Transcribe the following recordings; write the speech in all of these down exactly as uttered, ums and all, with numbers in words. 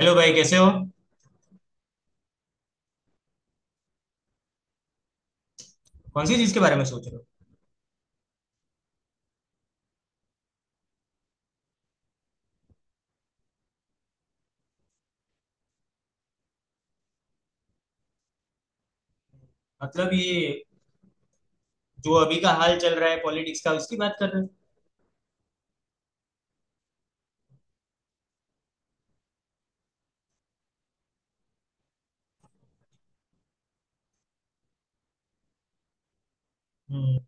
Hello भाई, कैसे हो। कौन सी चीज के बारे में सोच रहे हो। मतलब ये जो अभी का हाल चल रहा है पॉलिटिक्स का, उसकी बात कर रहे हो। हम्म।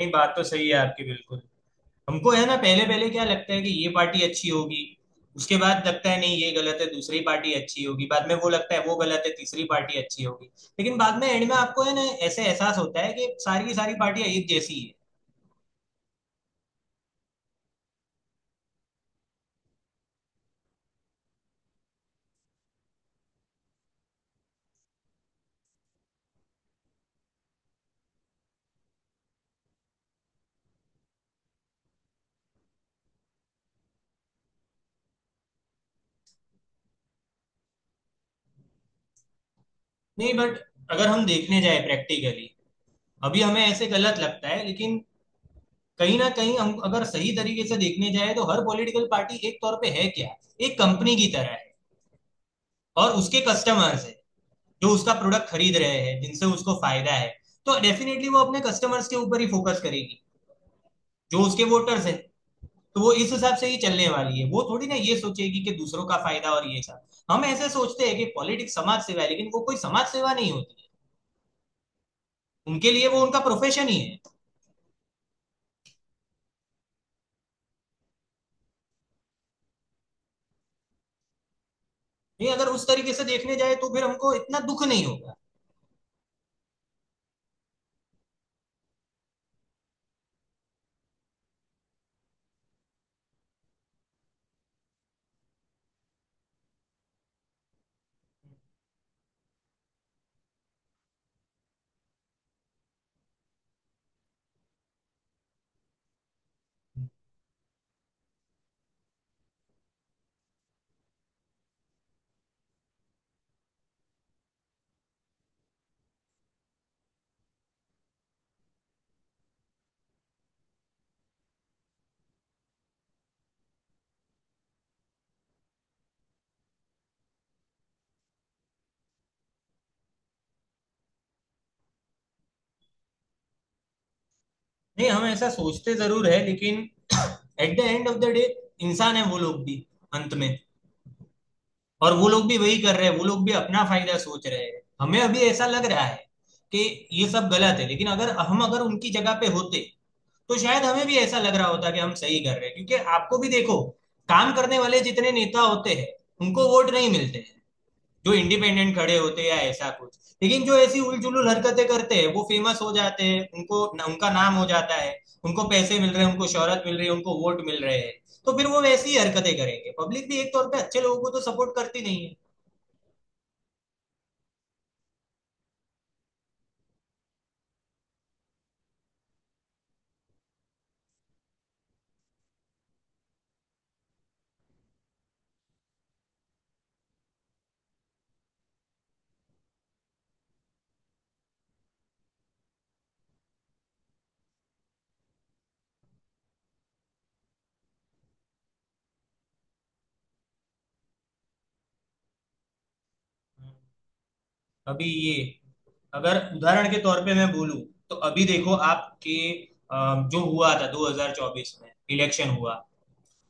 नहीं, बात तो सही है आपकी बिल्कुल। हमको है ना, पहले पहले क्या लगता है कि ये पार्टी अच्छी होगी। उसके बाद लगता है नहीं ये गलत है, दूसरी पार्टी अच्छी होगी। बाद में वो लगता है वो गलत है, तीसरी पार्टी अच्छी होगी। लेकिन बाद में एंड में आपको है ना ऐसे एहसास होता है कि सारी की सारी पार्टियां एक जैसी है। नहीं, बट अगर हम देखने जाए प्रैक्टिकली, अभी हमें ऐसे गलत लगता है लेकिन कहीं ना कहीं हम अगर सही तरीके से देखने जाए तो हर पॉलिटिकल पार्टी एक तौर पे है क्या, एक कंपनी की तरह है। और उसके कस्टमर्स है जो उसका प्रोडक्ट खरीद रहे हैं, जिनसे उसको फायदा है। तो डेफिनेटली वो अपने कस्टमर्स के ऊपर ही फोकस करेगी, जो उसके वोटर्स हैं। तो वो इस हिसाब से ही चलने वाली है, वो थोड़ी ना ये सोचेगी कि दूसरों का फायदा और ये सब। हम ऐसे सोचते हैं कि पॉलिटिक्स समाज सेवा है, लेकिन वो कोई समाज सेवा नहीं होती है। उनके लिए वो उनका प्रोफेशन ही है। नहीं, अगर उस तरीके से देखने जाए तो फिर हमको इतना दुख नहीं होगा। नहीं, हम ऐसा सोचते जरूर है लेकिन at the end of the day इंसान है वो लोग भी, अंत में। और वो लोग भी वही कर रहे हैं, वो लोग भी अपना फायदा सोच रहे हैं। हमें अभी ऐसा लग रहा है कि ये सब गलत है, लेकिन अगर हम अगर उनकी जगह पे होते तो शायद हमें भी ऐसा लग रहा होता कि हम सही कर रहे हैं। क्योंकि आपको भी देखो, काम करने वाले जितने नेता होते हैं उनको वोट नहीं मिलते, जो इंडिपेंडेंट खड़े होते हैं या ऐसा कुछ। लेकिन जो ऐसी उलझुल हरकतें करते हैं वो फेमस हो जाते हैं, उनको उनका नाम हो जाता है। उनको पैसे मिल रहे हैं, उनको शोहरत मिल रही है, उनको वोट मिल रहे हैं। तो फिर वो वैसी ही हरकतें करेंगे। पब्लिक भी एक तौर पे अच्छे लोगों को तो सपोर्ट करती नहीं है। अभी ये, अगर उदाहरण के तौर पे मैं बोलूं, तो अभी देखो आपके अ, जो हुआ था दो हज़ार चौबीस में, इलेक्शन हुआ।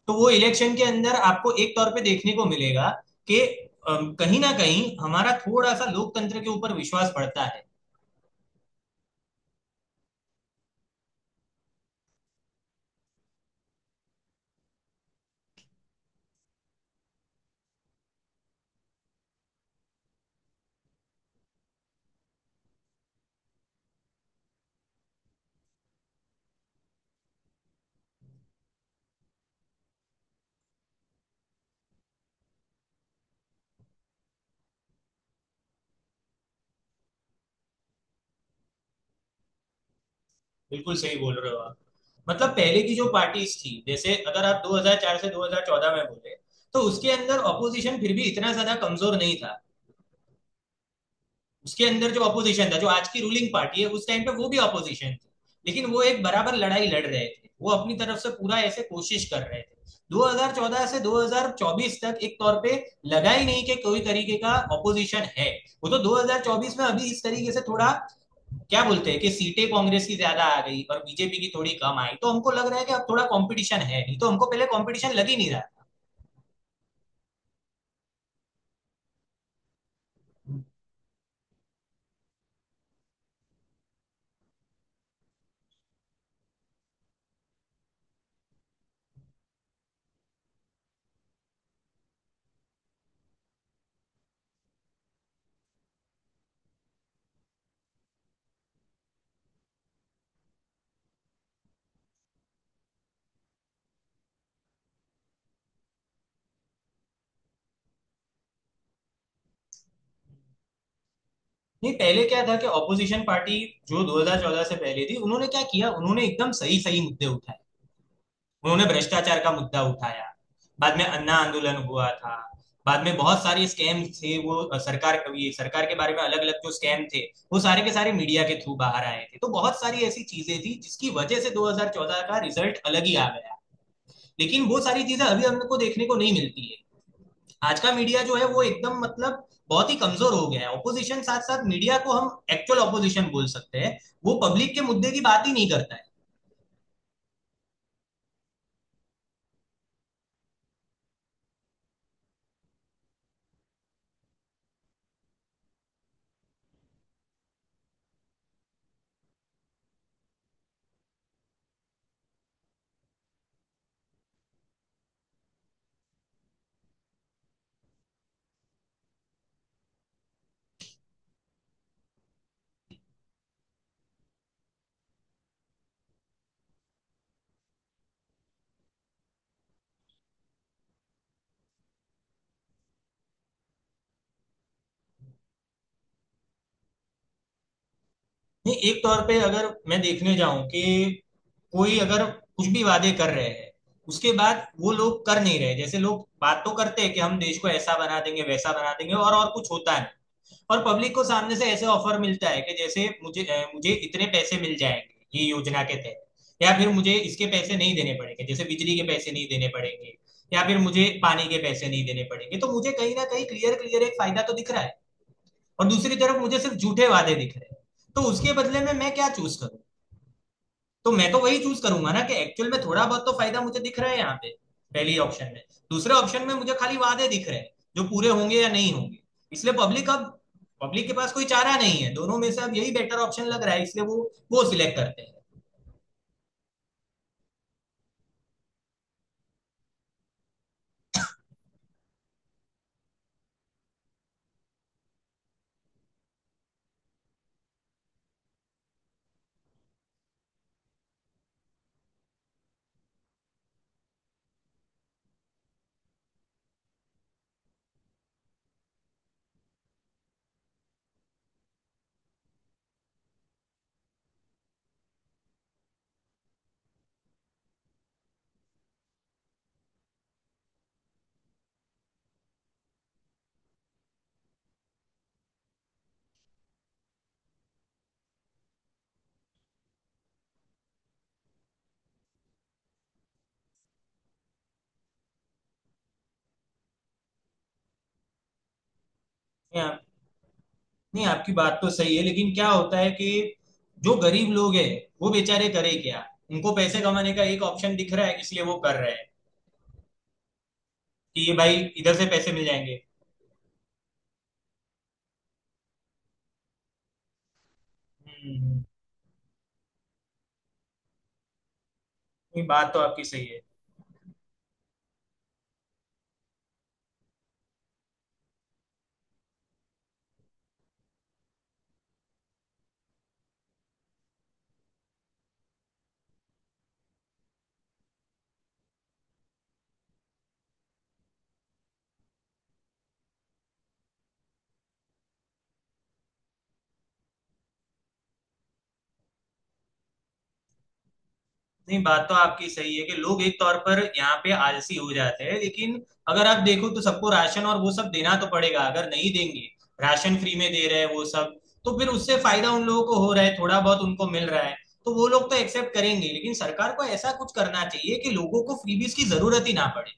तो वो इलेक्शन के अंदर आपको एक तौर पे देखने को मिलेगा कि अम, कहीं ना कहीं हमारा थोड़ा सा लोकतंत्र के ऊपर विश्वास बढ़ता है। बिल्कुल सही बोल रहे हो आप। मतलब पहले की जो पार्टीज थी, जैसे अगर आप दो हज़ार चार से दो हज़ार चौदह में बोले, तो उसके अंदर ऑपोजिशन फिर भी इतना ज्यादा कमजोर नहीं था। उसके अंदर जो अपोजिशन था, जो आज की रूलिंग पार्टी है, उस टाइम पे वो भी अपोजिशन थी। लेकिन वो एक बराबर लड़ाई लड़ रहे थे, वो अपनी तरफ से पूरा ऐसे कोशिश कर रहे थे। दो हज़ार चौदह से दो हज़ार चौबीस तक एक तौर पे लगा ही नहीं कि कोई तरीके का ऑपोजिशन है। वो तो दो हज़ार चौबीस में अभी इस तरीके से थोड़ा, क्या बोलते हैं, कि सीटें कांग्रेस की ज्यादा आ गई और बीजेपी की थोड़ी कम आई, तो हमको लग रहा है कि अब थोड़ा कंपटीशन है, नहीं तो हमको पहले कंपटीशन लग ही नहीं रहा। नहीं, पहले क्या था कि ऑपोजिशन पार्टी जो दो हज़ार चौदह से पहले थी, उन्होंने क्या किया, उन्होंने एकदम सही सही मुद्दे उठाए। उन्होंने भ्रष्टाचार का मुद्दा उठाया। बाद में अन्ना आंदोलन हुआ था। बाद में बहुत सारे स्कैम थे, वो अ, सरकार, ये सरकार के बारे में अलग अलग जो स्कैम थे, वो सारे के सारे मीडिया के थ्रू बाहर आए थे। तो बहुत सारी ऐसी चीजें थी जिसकी वजह से दो हज़ार चौदह का रिजल्ट अलग ही आ गया। लेकिन वो सारी चीजें अभी हमको देखने को नहीं मिलती है। आज का मीडिया जो है वो एकदम मतलब बहुत ही कमजोर हो गया है ऑपोजिशन, साथ साथ मीडिया को हम एक्चुअल ऑपोजिशन बोल सकते हैं। वो पब्लिक के मुद्दे की बात ही नहीं करता है। नहीं, एक तौर पे अगर मैं देखने जाऊं कि कोई अगर कुछ भी वादे कर रहे हैं, उसके बाद वो लोग कर नहीं रहे। जैसे लोग बात तो करते हैं कि हम देश को ऐसा बना देंगे, वैसा बना देंगे, और और कुछ होता। और पब्लिक को सामने से ऐसे ऑफर मिलता है कि जैसे मुझे अ, मुझे इतने पैसे मिल जाएंगे ये योजना के तहत, या फिर मुझे इसके पैसे नहीं देने पड़ेंगे, जैसे बिजली के पैसे नहीं देने पड़ेंगे, या फिर मुझे पानी के पैसे नहीं देने पड़ेंगे। तो मुझे कहीं ना कहीं क्लियर क्लियर एक फायदा तो दिख रहा है, और दूसरी तरफ मुझे सिर्फ झूठे वादे दिख रहे हैं। तो उसके बदले में मैं क्या चूज करूँ। तो मैं तो वही चूज करूंगा ना कि एक्चुअल में थोड़ा बहुत तो फायदा मुझे दिख रहा है यहाँ पे, पहली ऑप्शन में। दूसरे ऑप्शन में मुझे खाली वादे दिख रहे हैं जो पूरे होंगे या नहीं होंगे। इसलिए पब्लिक अब पब्लिक के पास कोई चारा नहीं है। दोनों में से अब यही बेटर ऑप्शन लग रहा है, इसलिए वो वो सिलेक्ट करते हैं। नहीं, आप, नहीं, आपकी बात तो सही है, लेकिन क्या होता है कि जो गरीब लोग हैं, वो बेचारे करे क्या। उनको पैसे कमाने का एक ऑप्शन दिख रहा है, इसलिए वो कर रहे हैं कि ये भाई इधर से पैसे मिल जाएंगे। हम्म। हम्म। नहीं बात तो आपकी सही है नहीं, बात तो आपकी सही है कि लोग एक तौर पर यहाँ पे आलसी हो जाते हैं, लेकिन अगर आप देखो तो सबको राशन और वो सब देना तो पड़ेगा। अगर नहीं देंगे, राशन फ्री में दे रहे हैं वो सब, तो फिर उससे फायदा उन लोगों को हो रहा है, थोड़ा बहुत उनको मिल रहा है। तो वो लोग तो एक्सेप्ट करेंगे, लेकिन सरकार को ऐसा कुछ करना चाहिए कि लोगों को फ्रीबीज की जरूरत ही ना पड़े।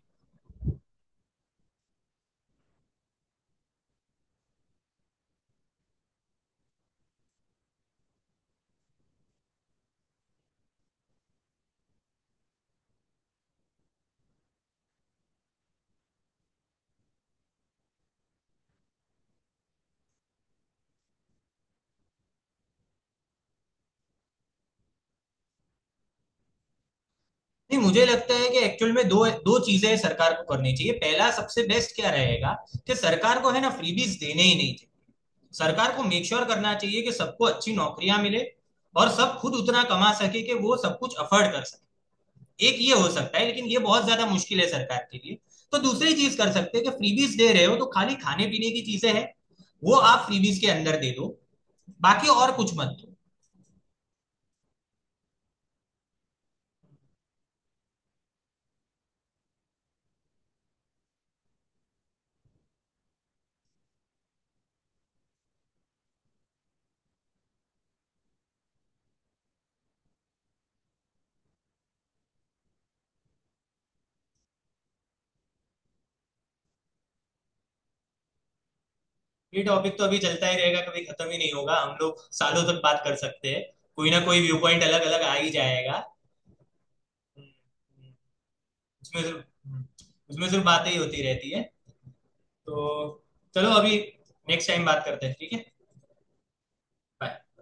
नहीं, मुझे लगता है कि एक्चुअल में दो दो चीजें सरकार को करनी चाहिए। पहला, सबसे बेस्ट क्या रहेगा कि सरकार को है ना फ्रीबीज देने ही नहीं चाहिए। सरकार को मेक श्योर करना चाहिए कि सबको अच्छी नौकरियां मिले और सब खुद उतना कमा सके कि वो सब कुछ अफोर्ड कर सके। एक ये हो सकता है, लेकिन ये बहुत ज्यादा मुश्किल है सरकार के लिए। तो दूसरी चीज कर सकते हैं कि फ्रीबीज दे रहे हो तो खाली खाने पीने की चीजें हैं, वो आप फ्रीबीज के अंदर दे दो। बाकी और कुछ मत दो। ये टॉपिक तो अभी चलता ही रहेगा, कभी खत्म ही नहीं होगा। हम लोग सालों तक बात कर सकते हैं, कोई ना कोई व्यू पॉइंट अलग अलग आ ही जाएगा। हम्म। हम्म। उसमें सिर्फ हम्म। उसमें सिर्फ बातें ही होती रहती है। तो चलो अभी, नेक्स्ट टाइम बात करते हैं, ठीक है। बाय।